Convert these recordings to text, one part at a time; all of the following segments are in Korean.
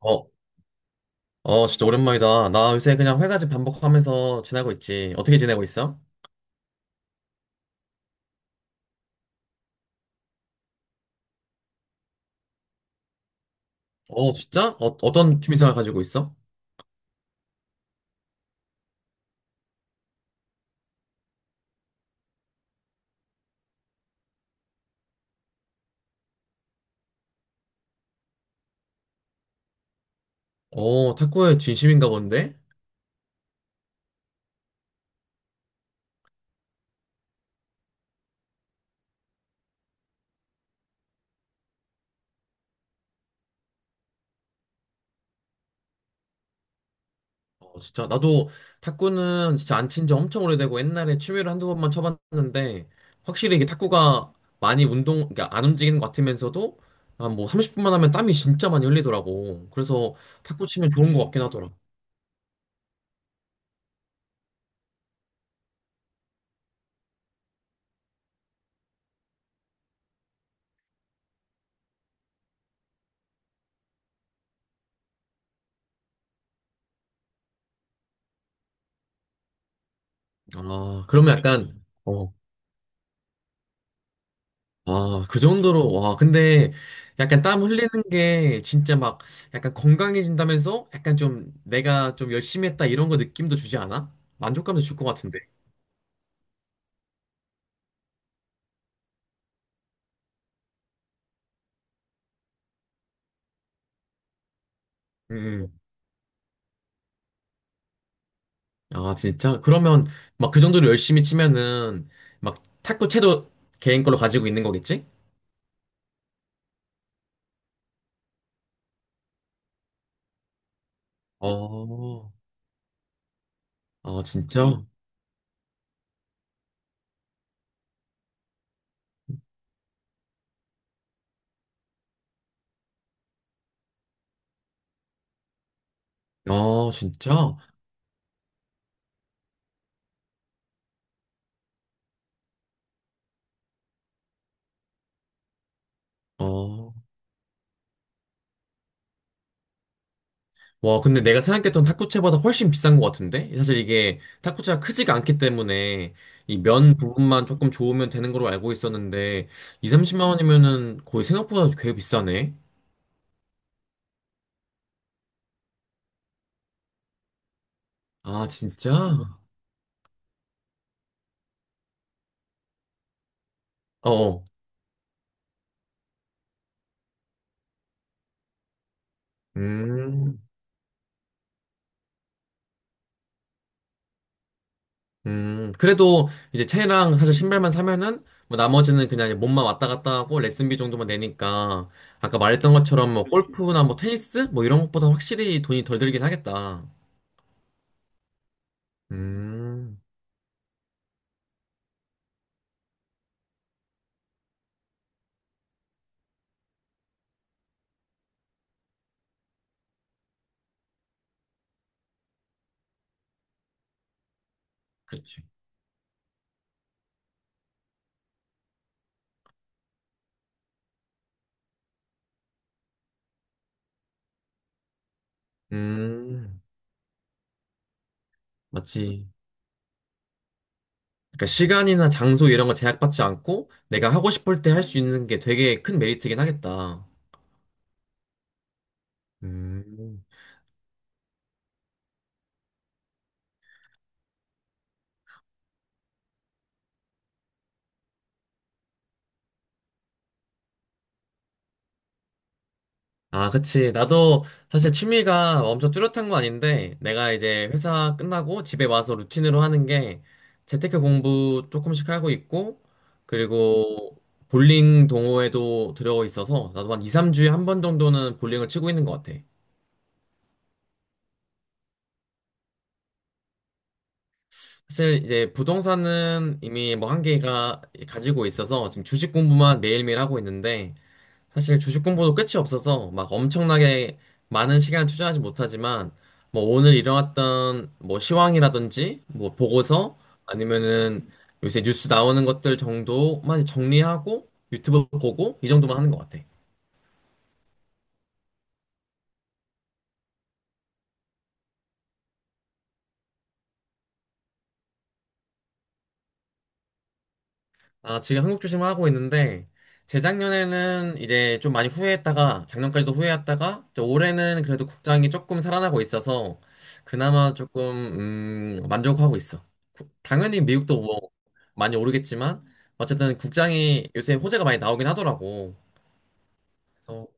어, 진짜 오랜만이다. 나 요새 그냥 회사 집 반복하면서 지내고 있지. 어떻게 지내고 있어? 진짜? 어떤 취미생활 가지고 있어? 탁구에 진심인가 본데? 진짜. 나도 탁구는 진짜 안 친지 엄청 오래되고 옛날에 취미로 한두 번만 쳐봤는데 확실히 이게 탁구가 많이 운동, 그러니까 안 움직이는 것 같으면서도 한 뭐 30분만 하면 땀이 진짜 많이 흘리더라고. 그래서 탁구 치면 좋은 것 같긴 하더라. 아, 그러면 약간, 아, 그 정도로, 와, 근데 약간 땀 흘리는 게 진짜 막 약간 건강해진다면서 약간 좀 내가 좀 열심히 했다 이런 거 느낌도 주지 않아? 만족감도 줄 것 같은데. 음. 음. 아, 진짜? 그러면 막 그 정도로 열심히 치면은 막 탁구채도 개인 걸로 가지고 있는 거겠지? 어, 아, 진짜? 아, 진짜? 어. 와, 근데 내가 생각했던 탁구채보다 훨씬 비싼 것 같은데? 사실 이게 탁구채가 크지가 않기 때문에 이 면 부분만 조금 좋으면 되는 걸로 알고 있었는데 2, 30만 원이면은 거의 생각보다 꽤 비싸네. 아, 진짜? 어. 어. 음. 음. 그래도 이제 채랑 사실 신발만 사면은 뭐 나머지는 그냥 몸만 왔다 갔다 하고 레슨비 정도만 내니까 아까 말했던 것처럼 뭐 골프나 뭐 테니스 뭐 이런 것보다 확실히 돈이 덜 들긴 하겠다. 음. 그치. 음. 맞지. 그러니까 시간이나 장소 이런 거 제약받지 않고 내가 하고 싶을 때 할 수 있는 게 되게 큰 메리트긴 하겠다. 음. 아, 그치. 나도 사실 취미가 엄청 뚜렷한 건 아닌데 내가 이제 회사 끝나고 집에 와서 루틴으로 하는 게 재테크 공부 조금씩 하고 있고 그리고 볼링 동호회도 들어가 있어서 나도 한 2, 3주에 한 번 정도는 볼링을 치고 있는 것 같아. 사실 이제 부동산은 이미 뭐 한계가 가지고 있어서 지금 주식 공부만 매일매일 하고 있는데 사실 주식 공부도 끝이 없어서 막 엄청나게 많은 시간을 투자하지 못하지만 뭐 오늘 일어났던 뭐 시황이라든지 뭐 보고서 아니면은 요새 뉴스 나오는 것들 정도만 정리하고 유튜브 보고 이 정도만 하는 것 같아. 아, 지금 한국 주식만 하고 있는데, 재작년에는 이제 좀 많이 후회했다가, 작년까지도 후회했다가, 이제 올해는 그래도 국장이 조금 살아나고 있어서, 그나마 조금, 만족하고 있어. 당연히 미국도 뭐, 많이 오르겠지만, 어쨌든 국장이 요새 호재가 많이 나오긴 하더라고. 그래서,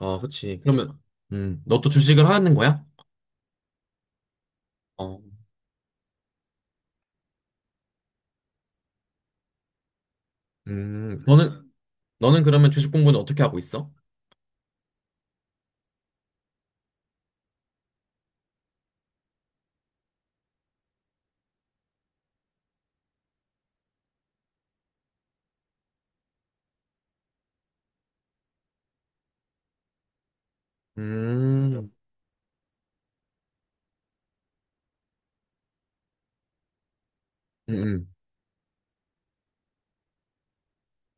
그치. 그러면, 너 또 주식을 하는 거야? 어. 음, 너는, 너는 그러면 주식 공부는 어떻게 하고 있어? 음, 음, 음.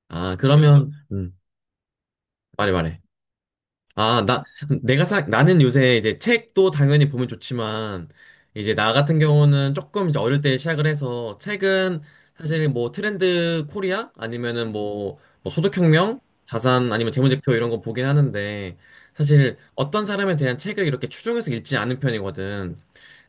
아, 그러면, 말해, 말해. 아, 나, 나는 요새 이제 책도 당연히 보면 좋지만, 이제 나 같은 경우는 조금 이제 어릴 때 시작을 해서, 책은 사실 뭐 트렌드 코리아? 아니면은 뭐, 뭐 소득혁명? 자산 아니면 재무제표 이런 거 보긴 하는데, 사실 어떤 사람에 대한 책을 이렇게 추종해서 읽지 않은 편이거든.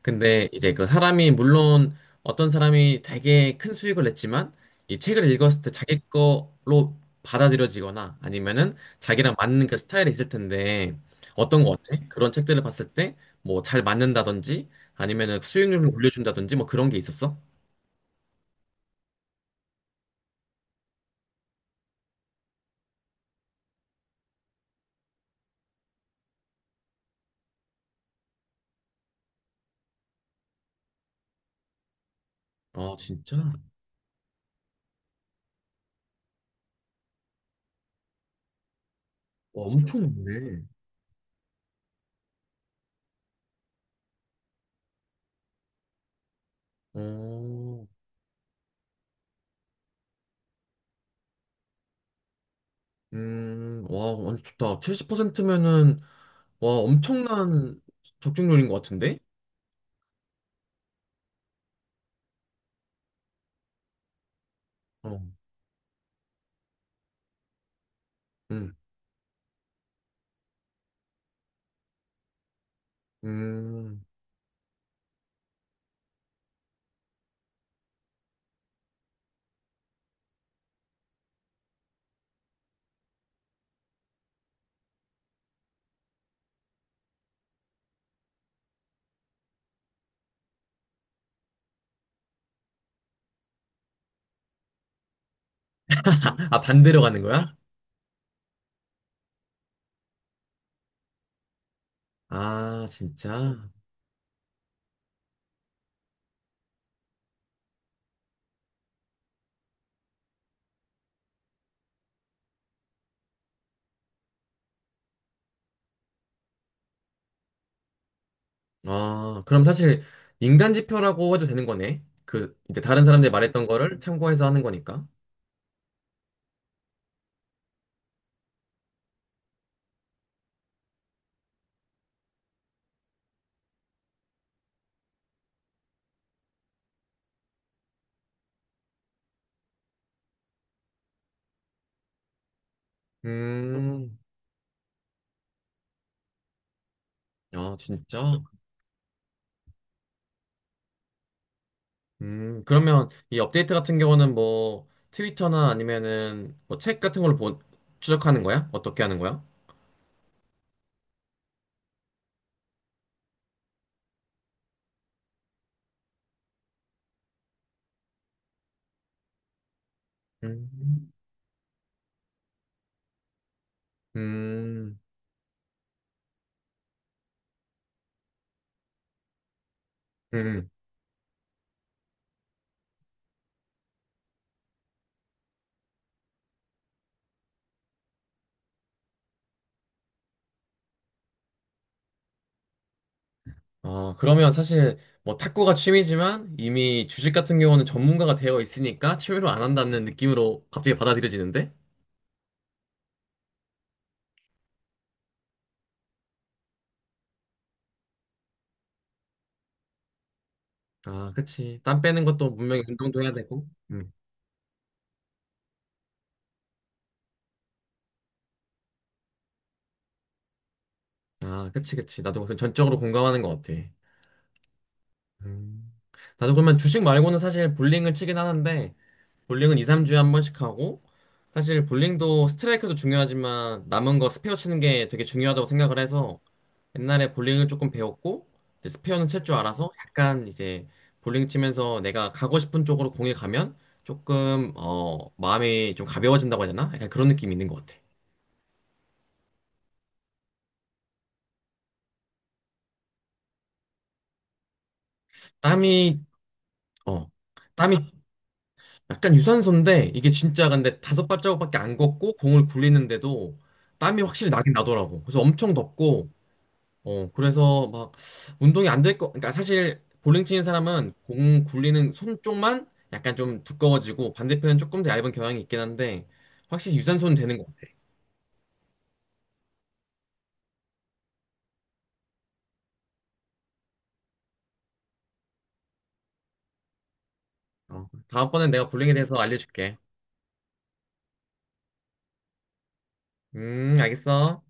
근데 이제 그 사람이 물론 어떤 사람이 되게 큰 수익을 냈지만 이 책을 읽었을 때 자기 거로 받아들여지거나 아니면은 자기랑 맞는 그 스타일이 있을 텐데 어떤 거 어때? 그런 책들을 봤을 때 뭐 잘 맞는다든지 아니면은 수익률을 올려준다든지 뭐 그런 게 있었어? 아 진짜? 와, 엄청 높네. 어, 와, 완전 좋다. 70%면은 와 엄청난 적중률인 것 같은데? 어, 음, 음. 아, 반대로 가는 거야? 아, 진짜? 아, 그럼 사실 인간 지표라고 해도 되는 거네. 그, 이제 다른 사람들이 말했던 거를 참고해서 하는 거니까. 음, 아, 진짜? 그러면 이 업데이트 같은 경우는 뭐 트위터나 아니면은 뭐 책 같은 걸로 추적하는 거야? 어떻게 하는 거야? 음, 음, 음. 그러면 사실 뭐 탁구가 취미지만 이미 주식 같은 경우는 전문가가 되어 있으니까 취미로 안 한다는 느낌으로 갑자기 받아들여지는데? 아, 그치. 땀 빼는 것도 분명히 운동도 해야 되고. 음. 아, 그치, 그치. 나도 그 전적으로 공감하는 것 같아. 음. 나도 그러면 주식 말고는 사실 볼링을 치긴 하는데, 볼링은 2, 3주에 한 번씩 하고, 사실 볼링도 스트라이크도 중요하지만 남은 거 스페어 치는 게 되게 중요하다고 생각을 해서 옛날에 볼링을 조금 배웠고 이제 스페어는 칠 줄 알아서 약간 이제 볼링 치면서 내가 가고 싶은 쪽으로 공이 가면 조금 어 마음이 좀 가벼워진다고 해야 되나? 약간 그런 느낌이 있는 것 같아. 땀이 어 땀이 약간 유산소인데 이게 진짜 근데 다섯 발자국밖에 안 걷고 공을 굴리는데도 땀이 확실히 나긴 나더라고. 그래서 엄청 덥고 어, 그래서 막 운동이 안 될 거, 그러니까 사실 볼링 치는 사람은 공 굴리는 손 쪽만 약간 좀 두꺼워지고 반대편은 조금 더 얇은 경향이 있긴 한데 확실히 유산소는 되는 것 같아. 어, 다음번엔 내가 볼링에 대해서 알려줄게. 알겠어.